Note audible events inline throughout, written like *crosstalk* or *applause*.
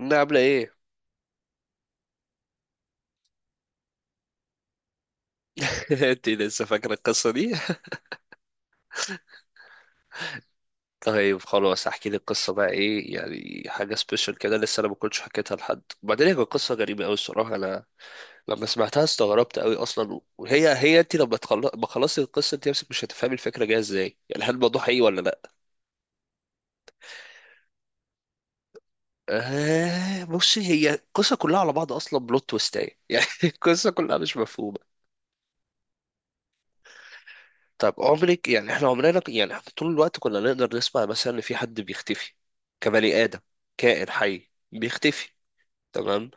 انها عامله ايه؟ *laughs* انت لسه فاكره القصه دي؟ طيب خلاص احكي لي القصه بقى. ايه يعني حاجه سبيشال كده؟ لسه انا ما كنتش حكيتها لحد، وبعدين هي كانت قصه غريبه قوي الصراحه. انا لما سمعتها استغربت قوي اصلا. وهي انت لما تخلص، ما خلصت القصه انت نفسك مش هتفهمي الفكره جايه ازاي، يعني هل الموضوع حقيقي ولا لا. آه بصي، هي القصه كلها على بعض اصلا بلوت تويستايه *laughs* يعني القصه كلها مش مفهومه. طب عمرك، يعني احنا عمرنا يعني احنا طول الوقت كنا نقدر نسمع مثلا ان في حد بيختفي، كبني آدم، كائن حي بيختفي، تمام؟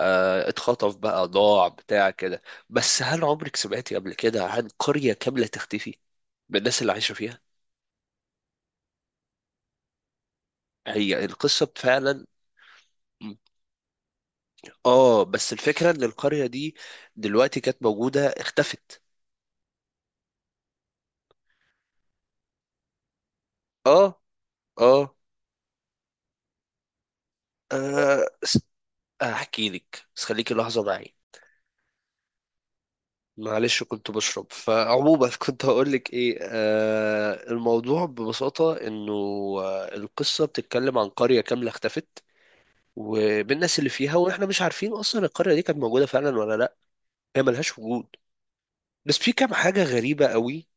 آه، اتخطف بقى، ضاع، بتاع كده. بس هل عمرك سمعتي قبل كده عن قرية كاملة تختفي بالناس اللي عايشة فيها؟ هي القصة فعلا. اه، بس الفكرة ان القرية دي دلوقتي كانت موجودة، اختفت. اه. اه، آه. احكي لك، بس خليكي لحظة معي. معلش كنت بشرب. فعموما *laughs* كنت هقول لك ايه؟ آه، الموضوع ببساطة انه آه، القصة بتتكلم عن قرية كاملة اختفت وبالناس اللي فيها، واحنا مش عارفين اصلا القرية دي كانت موجودة فعلا ولا لا. هي ملهاش وجود. بس في كام حاجة غريبة قوي.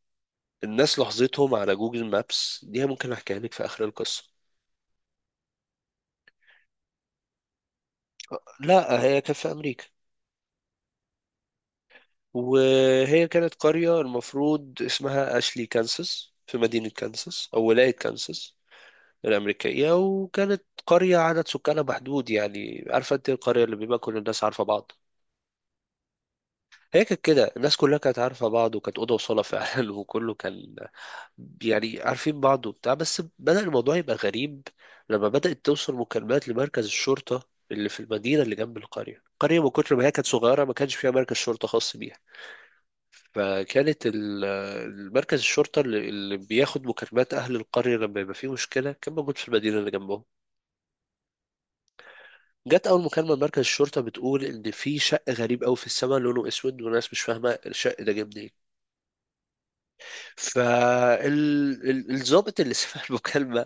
الناس لاحظتهم على جوجل مابس، دي ممكن احكيها لك في اخر القصة. لا، هي كانت في امريكا. وهي كانت قرية المفروض اسمها اشلي كانساس، في مدينة كانساس او ولاية كانساس الأمريكية. وكانت قرية عدد سكانها محدود، يعني عارفة أنت القرية اللي بيبقى كل الناس عارفة بعض؟ هي كانت كده، الناس كلها كانت عارفة بعض، وكانت أوضة وصالة فعلا *laughs* وكله كان يعني عارفين بعض وبتاع. بس بدأ الموضوع يبقى غريب لما بدأت توصل مكالمات لمركز الشرطة اللي في المدينة اللي جنب القرية. القرية من كتر ما هي كانت صغيرة ما كانش فيها مركز شرطة خاص بيها، فكانت المركز الشرطة اللي بياخد مكالمات أهل القرية لما يبقى فيه مشكلة كان موجود في المدينة اللي جنبهم. جت اول مكالمه لمركز الشرطه بتقول ان في شق غريب قوي في السماء، لونه اسود، وناس مش فاهمه الشق ده جه منين. فالظابط اللي *laughs* سمع المكالمه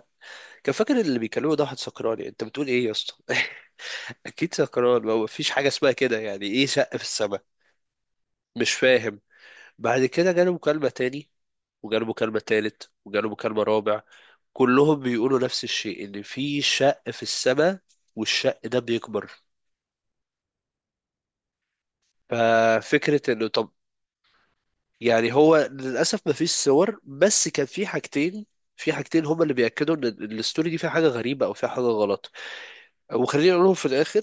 كان فاكر اللي بيكلمه ده واحد سكران. انت بتقول ايه يا اسطى؟ *laughs* اكيد سكران، ما هو مفيش حاجه اسمها كده، يعني ايه شق في السماء؟ مش فاهم. بعد كده جاله مكالمه تاني، وجاله مكالمة تالت، وجاله مكالمة رابع، كلهم بيقولوا نفس الشيء، ان في شق في السماء، والشق ده بيكبر. ففكرة انه طب، يعني هو للأسف مفيش صور. بس كان في حاجتين، في حاجتين هما اللي بيأكدوا إن الستوري دي فيها حاجة غريبة أو فيها حاجة غلط، وخليني أقولهم في الآخر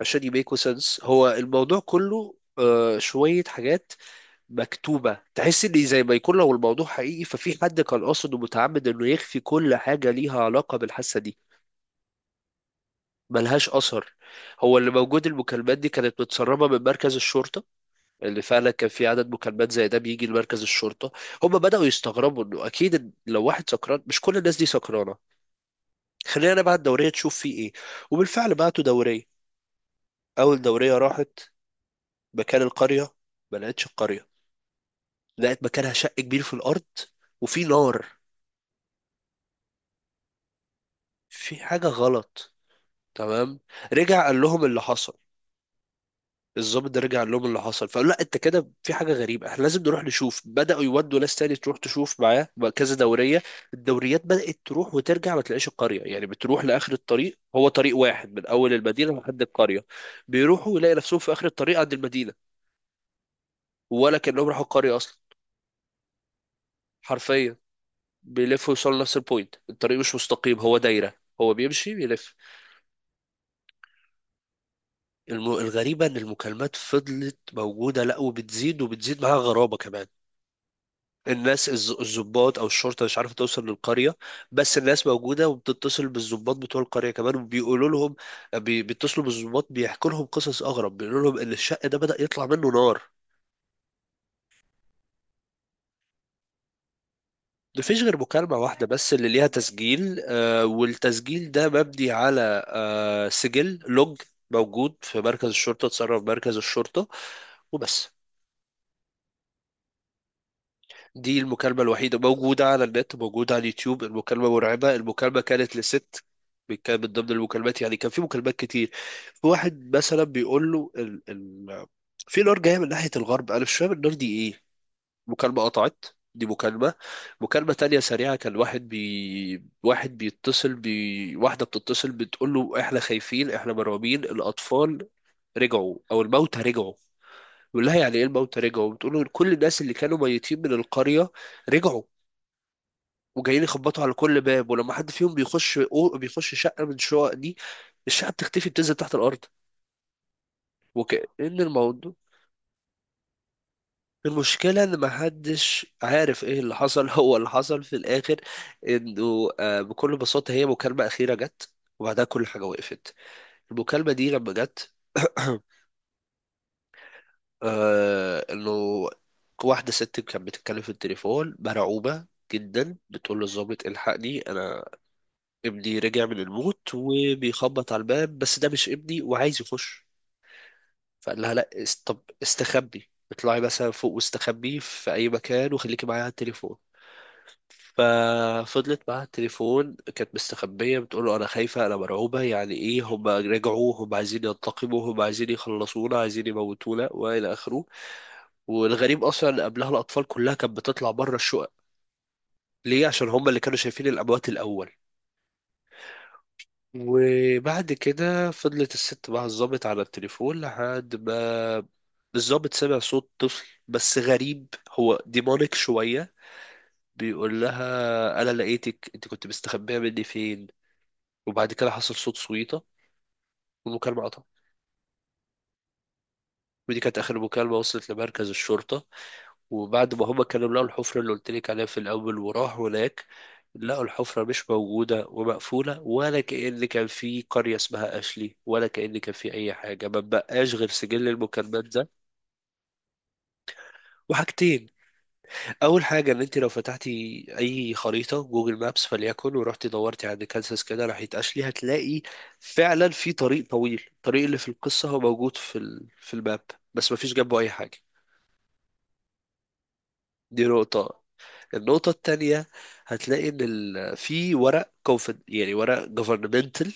عشان يميكوا سنس. هو الموضوع كله شوية حاجات مكتوبة، تحس إن زي ما يكون لو الموضوع حقيقي ففي حد كان قاصد ومتعمد إنه يخفي كل حاجة ليها علاقة بالحادثة دي. ملهاش أثر. هو اللي موجود المكالمات دي كانت متسربة من مركز الشرطة، اللي فعلا كان في عدد مكالمات زي ده بيجي لمركز الشرطة. هم بدأوا يستغربوا انه اكيد، إن لو واحد سكران مش كل الناس دي سكرانة، خلينا نبعت دورية تشوف فيه ايه. وبالفعل بعتوا دورية. اول دورية راحت مكان القرية، ما لقتش القرية، لقت مكانها شق كبير في الارض وفي نار. في حاجة غلط. تمام، رجع قال لهم اللي حصل، الضابط ده رجع قال لهم اللي حصل، فقالوا لا انت كده في حاجه غريبه، احنا لازم نروح نشوف. بداوا يودوا ناس تاني تروح تشوف معاه بقى كذا دوريه. الدوريات بدات تروح وترجع ما تلاقيش القريه، يعني بتروح لاخر الطريق، هو طريق واحد من اول المدينه لحد القريه. بيروحوا يلاقي نفسهم في اخر الطريق عند المدينه، ولا كانهم راحوا القريه اصلا. حرفيا بيلفوا يوصلوا نفس البوينت، الطريق مش مستقيم، هو دايره. هو بيمشي بيلف. الغريبه ان المكالمات فضلت موجوده، لا وبتزيد، وبتزيد معاها غرابه كمان. الناس الضباط او الشرطه مش عارفه توصل للقريه، بس الناس موجوده وبتتصل بالضباط بتوع القريه كمان وبيقولوا لهم، بيتصلوا بالضباط بيحكوا لهم قصص اغرب، بيقولوا لهم ان الشق ده بدأ يطلع منه نار. مفيش غير مكالمة واحدة بس اللي ليها تسجيل والتسجيل ده مبني على سجل لوج موجود في مركز الشرطة، اتصرف مركز الشرطة وبس. دي المكالمة الوحيدة موجودة على النت، موجودة على اليوتيوب. المكالمة مرعبة. المكالمة كانت لست، كان من ضمن المكالمات، يعني كان في مكالمات كتير. في واحد مثلا بيقول له في نار جاية من ناحية الغرب، أنا مش فاهم النار دي إيه. مكالمة قطعت. دي مكالمة. مكالمة تانية سريعة، كان واحد بي... واحد بيتصل بي... واحدة بتتصل بتقول له إحنا خايفين، إحنا مرعوبين، الأطفال رجعوا أو الموتى رجعوا. يقول لها يعني ايه الموتى رجعوا؟ بتقول له كل الناس اللي كانوا ميتين من القرية رجعوا، وجايين يخبطوا على كل باب، ولما حد فيهم بيخش أو بيخش شقة من الشقق دي، الشقة بتختفي، بتنزل تحت الأرض. وكأن الموضوع، المشكلة إن محدش عارف إيه اللي حصل *laughs* هو اللي حصل في الآخر إنه بكل بساطة هي مكالمة أخيرة جت، وبعدها كل حاجة وقفت. المكالمة دي لما جت *clears throat* انه واحده ست كانت بتتكلم في التليفون مرعوبه جدا، بتقول للظابط الحقني انا، ابني رجع من الموت وبيخبط على الباب، بس ده مش ابني وعايز يخش. فقال لها لا، طب استخبي، اطلعي مثلا فوق واستخبي في اي مكان وخليكي معايا على التليفون. ففضلت معاها التليفون كانت مستخبية، بتقول له أنا خايفة، أنا مرعوبة، يعني إيه هم رجعوا، هم عايزين ينتقموا، هم عايزين يخلصونا، عايزين يموتونا، وإلى آخره. والغريب اصلا ان قبلها الاطفال كلها كانت بتطلع بره الشقق، ليه؟ عشان هم اللي كانوا شايفين الاموات الاول. وبعد كده فضلت الست مع الضابط على التليفون لحد ما الضابط سمع صوت طفل بس غريب، هو ديمونيك شوية، بيقول لها أنا لقيتك، أنت كنت مستخبية مني فين؟ وبعد كده حصل صوت صويطة، والمكالمة قطعت. ودي كانت آخر مكالمة وصلت لمركز الشرطة. وبعد ما هما كانوا لقوا الحفرة اللي قلت لك عليها في الأول وراحوا هناك، لقوا الحفرة مش موجودة ومقفولة، ولا كأن كان في قرية اسمها أشلي، ولا كأن كان في أي حاجة. ما بقاش غير سجل المكالمات ده، وحاجتين. أول حاجة، إن أنت لو فتحتي أي خريطة جوجل مابس فليكن، ورحتي دورتي عند كانساس كده ناحية أشلي، هتلاقي فعلا في طريق طويل، الطريق اللي في القصة هو موجود في في الماب، بس مفيش جنبه أي حاجة. دي نقطة. النقطة التانية، هتلاقي إن في ورق كونفد، يعني ورق governmental،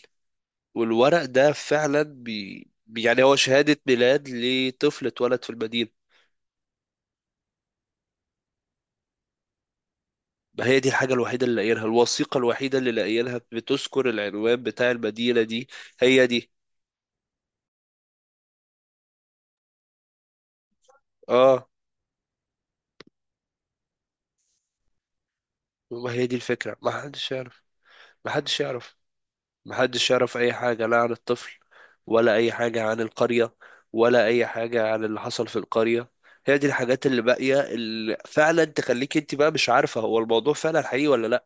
والورق ده يعني هو شهادة ميلاد لطفل اتولد في المدينة. ما هي دي الحاجة الوحيدة اللي لاقيينها، الوثيقة الوحيدة اللي لاقيينها بتذكر العنوان بتاع المدينة دي. هي دي. اه. ما هي دي الفكرة، ما حدش يعرف. ما حدش يعرف، محدش يعرف أي حاجة لا عن الطفل، ولا أي حاجة عن القرية، ولا أي حاجة عن اللي حصل في القرية. هي دي الحاجات اللي باقية اللي فعلا تخليك انت بقى مش عارفة هو الموضوع فعلا حقيقي ولا لا.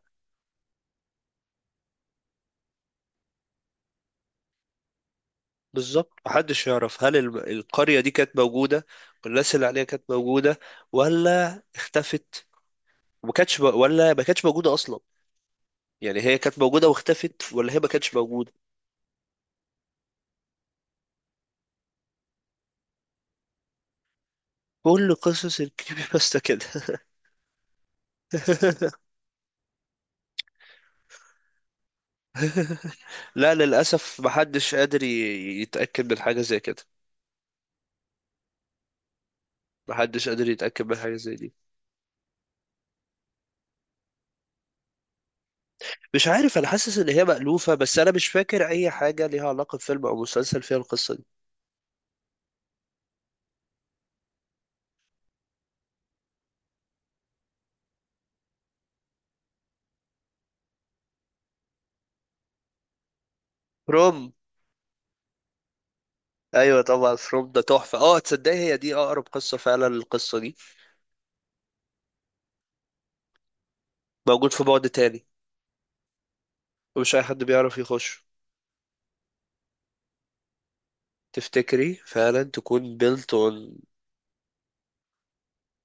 بالظبط، محدش يعرف هل القرية دي كانت موجودة والناس اللي عليها كانت موجودة ولا اختفت، وما ولا ما كانتش موجودة أصلا. يعني هي كانت موجودة واختفت، ولا هي ما كانتش موجودة. كل قصص الكريبي باستا كده *laughs* لا للأسف محدش قادر يتأكد من حاجة زي كده، محدش قادر يتأكد من حاجة زي دي. مش عارف، أنا حاسس إن هي مألوفة بس أنا مش فاكر أي حاجة ليها علاقة بفيلم أو مسلسل فيها القصة دي. فروم. أيوة طبعا، فروم ده تحفة. أه، تصدقي هي دي أقرب قصة فعلا للقصة دي. موجود في بعد تاني، ومش أي حد بيعرف يخش. تفتكري فعلا تكون built on؟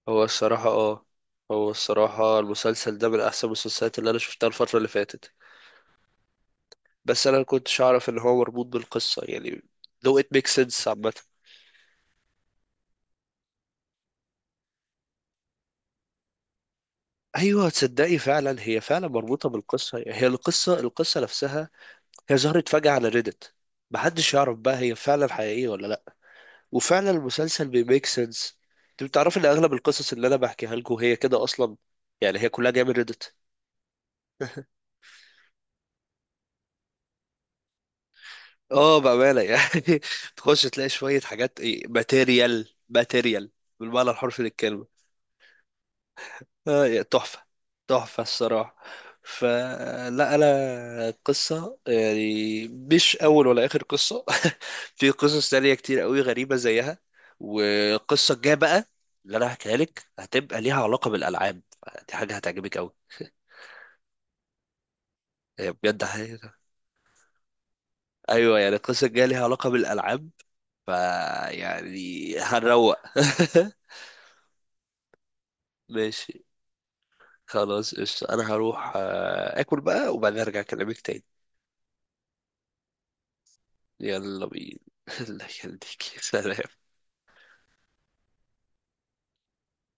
هو الصراحة أه، هو الصراحة المسلسل ده من أحسن المسلسلات اللي أنا شفتها الفترة اللي فاتت. بس انا ما كنتش اعرف ان هو مربوط بالقصه يعني، لو it makes sense عامه. ايوه، تصدقي فعلا هي فعلا مربوطه بالقصه، يعني هي القصه، القصه نفسها. هي ظهرت فجاه على ريدت، محدش يعرف بقى هي فعلا حقيقيه ولا لا. وفعلا المسلسل بيميك سنس. انت بتعرف ان اغلب القصص اللي انا بحكيها لكم هي كده اصلا، يعني هي كلها جايه من ريدت. اه بامانه يعني *laughs* تخش تلاقي شويه حاجات ايه، ماتيريال ماتيريال بالمعنى الحرفي للكلمه. تحفة، تحفة الصراحة. فلا أنا قصة، يعني مش أول ولا آخر قصة *laughs* في قصص تانية كتير قوي غريبة زيها. والقصة الجاية بقى اللي أنا هحكيها لك هتبقى ليها علاقة بالألعاب. دي حاجة هتعجبك قوي، هي بجد حاجة. أيوة، يعني القصة الجاية ليها علاقة بالألعاب، فيعني هنروق. *laughs* ماشي. خلاص قشطة، أنا هروح آكل بقى وبعدين أرجع أكلمك تاني. يلا بينا. *laughs* الله يخليك. سلام.